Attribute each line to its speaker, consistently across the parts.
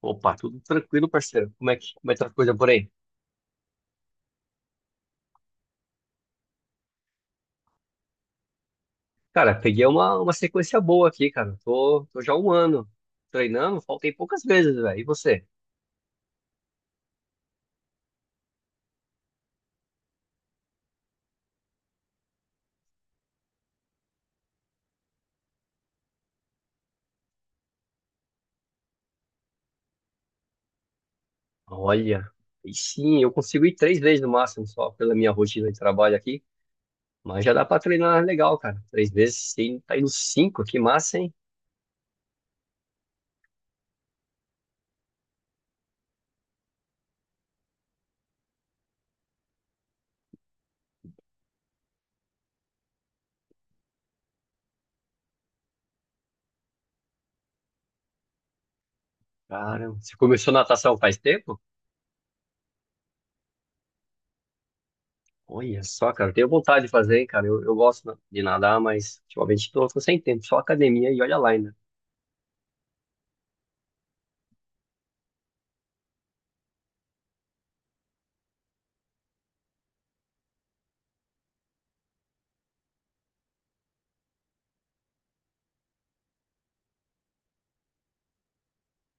Speaker 1: Opa, tudo tranquilo, parceiro. Como é que tá a coisa por aí? Cara, peguei uma sequência boa aqui, cara. Tô já um ano treinando, faltei poucas vezes, velho. E você? Olha, e sim, eu consigo ir três vezes no máximo, só pela minha rotina de trabalho aqui. Mas já dá pra treinar legal, cara. Três vezes, sim, tá indo cinco, que massa, hein? Caramba, você começou natação faz tempo? Olha só, cara, eu tenho vontade de fazer, hein, cara. Eu gosto de nadar, mas ultimamente tô sem tempo, só academia e olha lá ainda.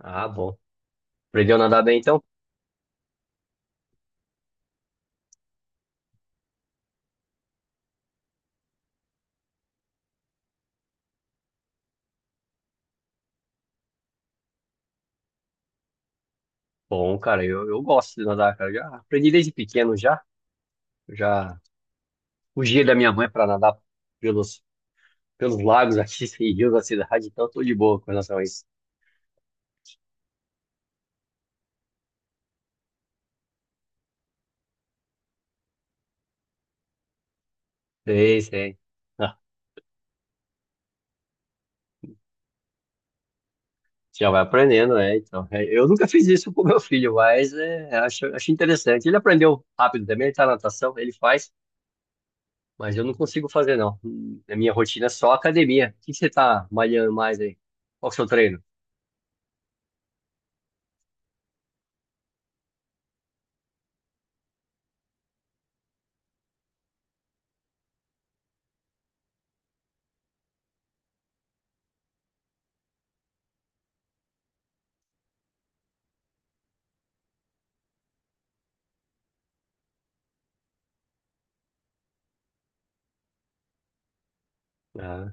Speaker 1: Ah, bom. Aprendeu a nadar bem então? Bom, cara, eu gosto de nadar, cara. Já aprendi desde pequeno já. Eu já fugia da minha mãe para nadar pelos, pelos lagos aqui e rios da cidade, então tô de boa com relação a isso. Sei, sei. Ah, já vai aprendendo, né? Então, é, eu nunca fiz isso com meu filho, mas é, acho interessante. Ele aprendeu rápido também, ele tá na natação, ele faz, mas eu não consigo fazer, não. A minha rotina é só academia. O que que você tá malhando mais aí? Qual que é o seu treino? Ah.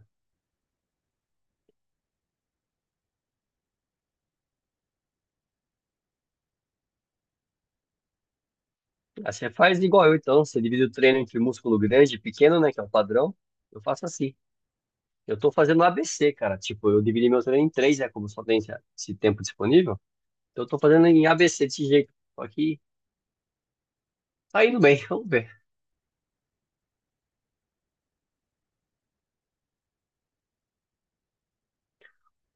Speaker 1: Ah, você faz igual eu, então. Você divide o treino entre músculo grande e pequeno, né? Que é o padrão. Eu faço assim. Eu tô fazendo ABC, cara. Tipo, eu dividi meu treino em três, é, como só tem esse tempo disponível. Então, eu tô fazendo em ABC desse jeito. Só que tá indo bem, vamos ver.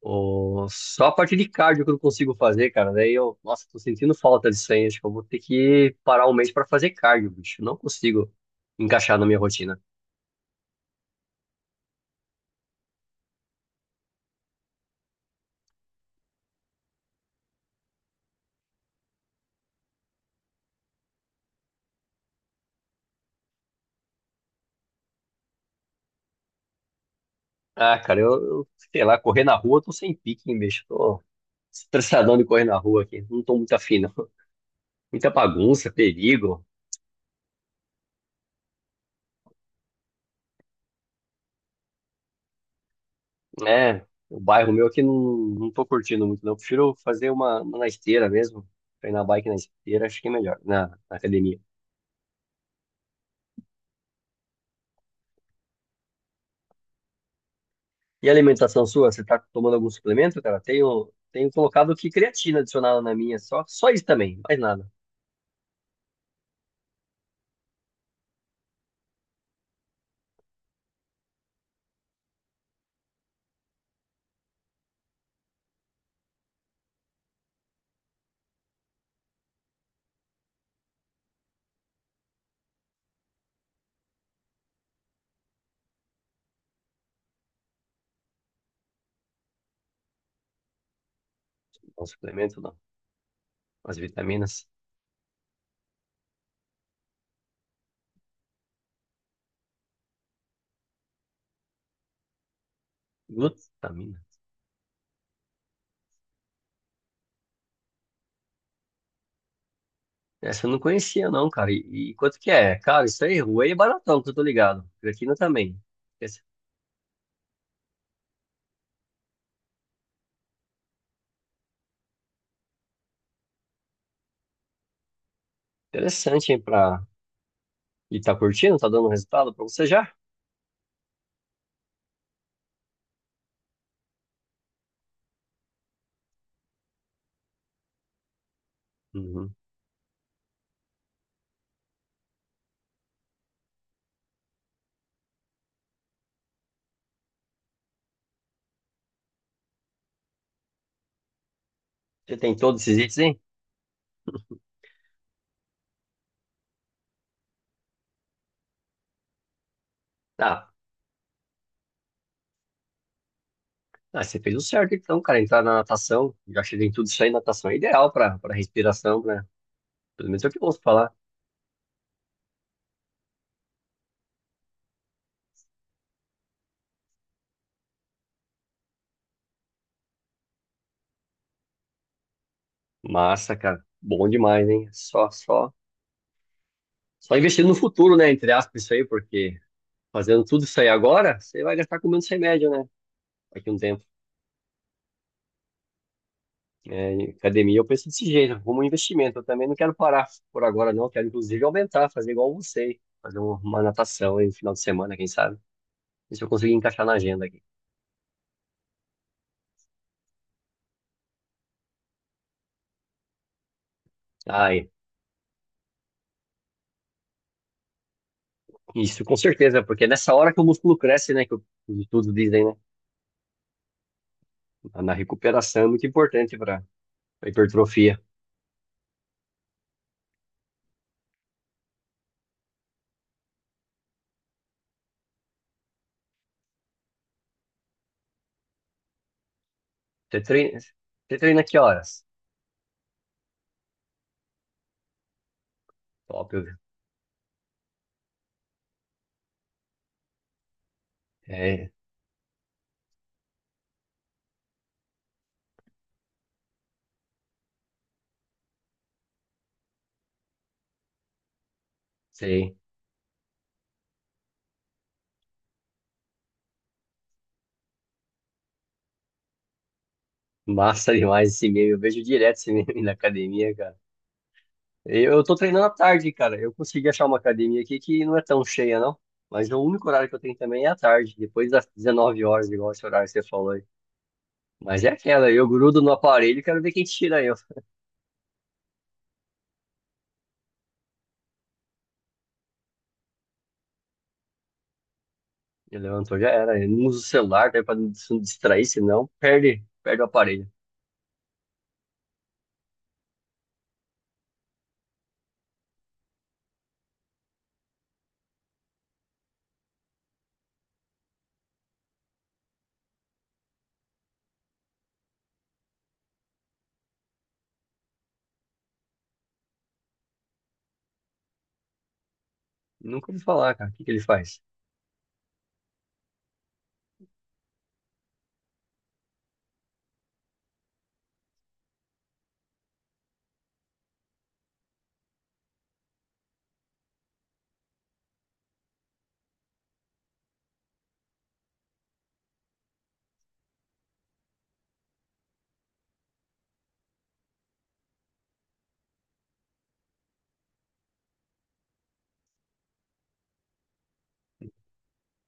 Speaker 1: Ô, só a parte de cardio que eu não consigo fazer, cara. Daí eu, nossa, tô sentindo falta disso aí. Acho que eu vou ter que parar um mês pra fazer cardio, bicho. Não consigo encaixar na minha rotina. Ah, cara, eu sei lá, correr na rua, eu tô sem pique, hein, bicho. Tô estressadão de correr na rua aqui. Não tô muito afim, não. Muita bagunça, perigo, né? O bairro meu aqui não tô curtindo muito, não. Prefiro fazer uma na esteira mesmo. Treinar bike na esteira, acho que é melhor, na, na academia. E a alimentação sua? Você tá tomando algum suplemento, cara? Tenho colocado aqui creatina adicionada na minha, só isso também, mais nada. Não suplemento, não. As vitaminas. Glutamina. Essa eu não conhecia, não, cara. E quanto que é? Cara, isso aí, whey é baratão, que eu tô ligado. Creatina também. Interessante, hein, pra... E tá curtindo? Tá dando resultado pra você já? Uhum. Você tem todos esses itens, hein? Ah, ah, você fez o certo então, cara. Entrar na natação, já cheguei em tudo isso aí, natação é ideal pra, pra respiração, né? Pelo menos é o que eu ouço falar. Massa, cara. Bom demais, hein? Só investir no futuro, né? Entre aspas, isso aí, porque fazendo tudo isso aí agora, você vai gastar com menos remédio, né? Daqui a um tempo. É, em academia eu penso desse jeito, como um investimento. Eu também não quero parar por agora, não. Eu quero, inclusive, aumentar, fazer igual você, fazer uma natação aí no final de semana, quem sabe? Ver se eu conseguir encaixar na agenda aqui. Ai, isso com certeza, porque é nessa hora que o músculo cresce, né? Que os estudos dizem, né? Na recuperação é muito importante para hipertrofia. Você treina que horas? Top, é, sei. Massa demais esse meme. Eu vejo direto esse meme na academia, cara. Eu tô treinando à tarde, cara. Eu consegui achar uma academia aqui que não é tão cheia, não. Mas o único horário que eu tenho também é à tarde, depois das 19 horas, igual esse horário que você falou aí. Mas é aquela, eu grudo no aparelho e quero ver quem tira eu. Ele levantou, já era. Eu não uso o celular, tá? Pra não se não distrair, senão perde o aparelho. Nunca ouvi falar, cara. O que que ele faz?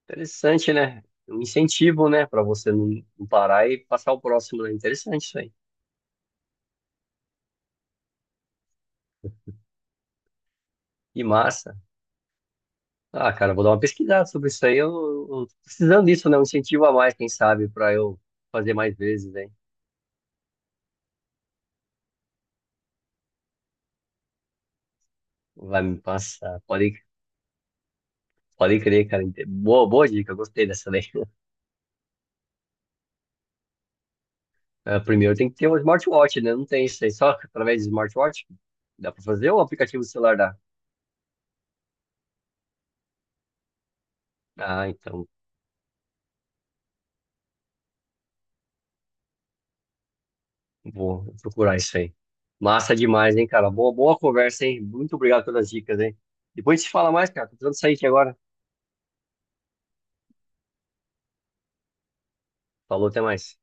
Speaker 1: Interessante, né? Um incentivo, né? Pra você não parar e passar o próximo, né? Interessante isso aí. Que massa. Ah, cara, vou dar uma pesquisada sobre isso aí. Eu tô precisando disso, né? Um incentivo a mais, quem sabe, pra eu fazer mais vezes, hein? Vai me passar. Pode crer, cara. Boa dica, eu gostei dessa daí. Ah, primeiro tem que ter um smartwatch, né? Não tem isso aí, só através de smartwatch. Dá pra fazer ou o aplicativo do celular dá? Ah, então vou procurar isso aí. Massa demais, hein, cara? Boa conversa, hein? Muito obrigado pelas dicas, hein? Depois a gente fala mais, cara. Tô precisando sair aqui agora. Falou, até mais.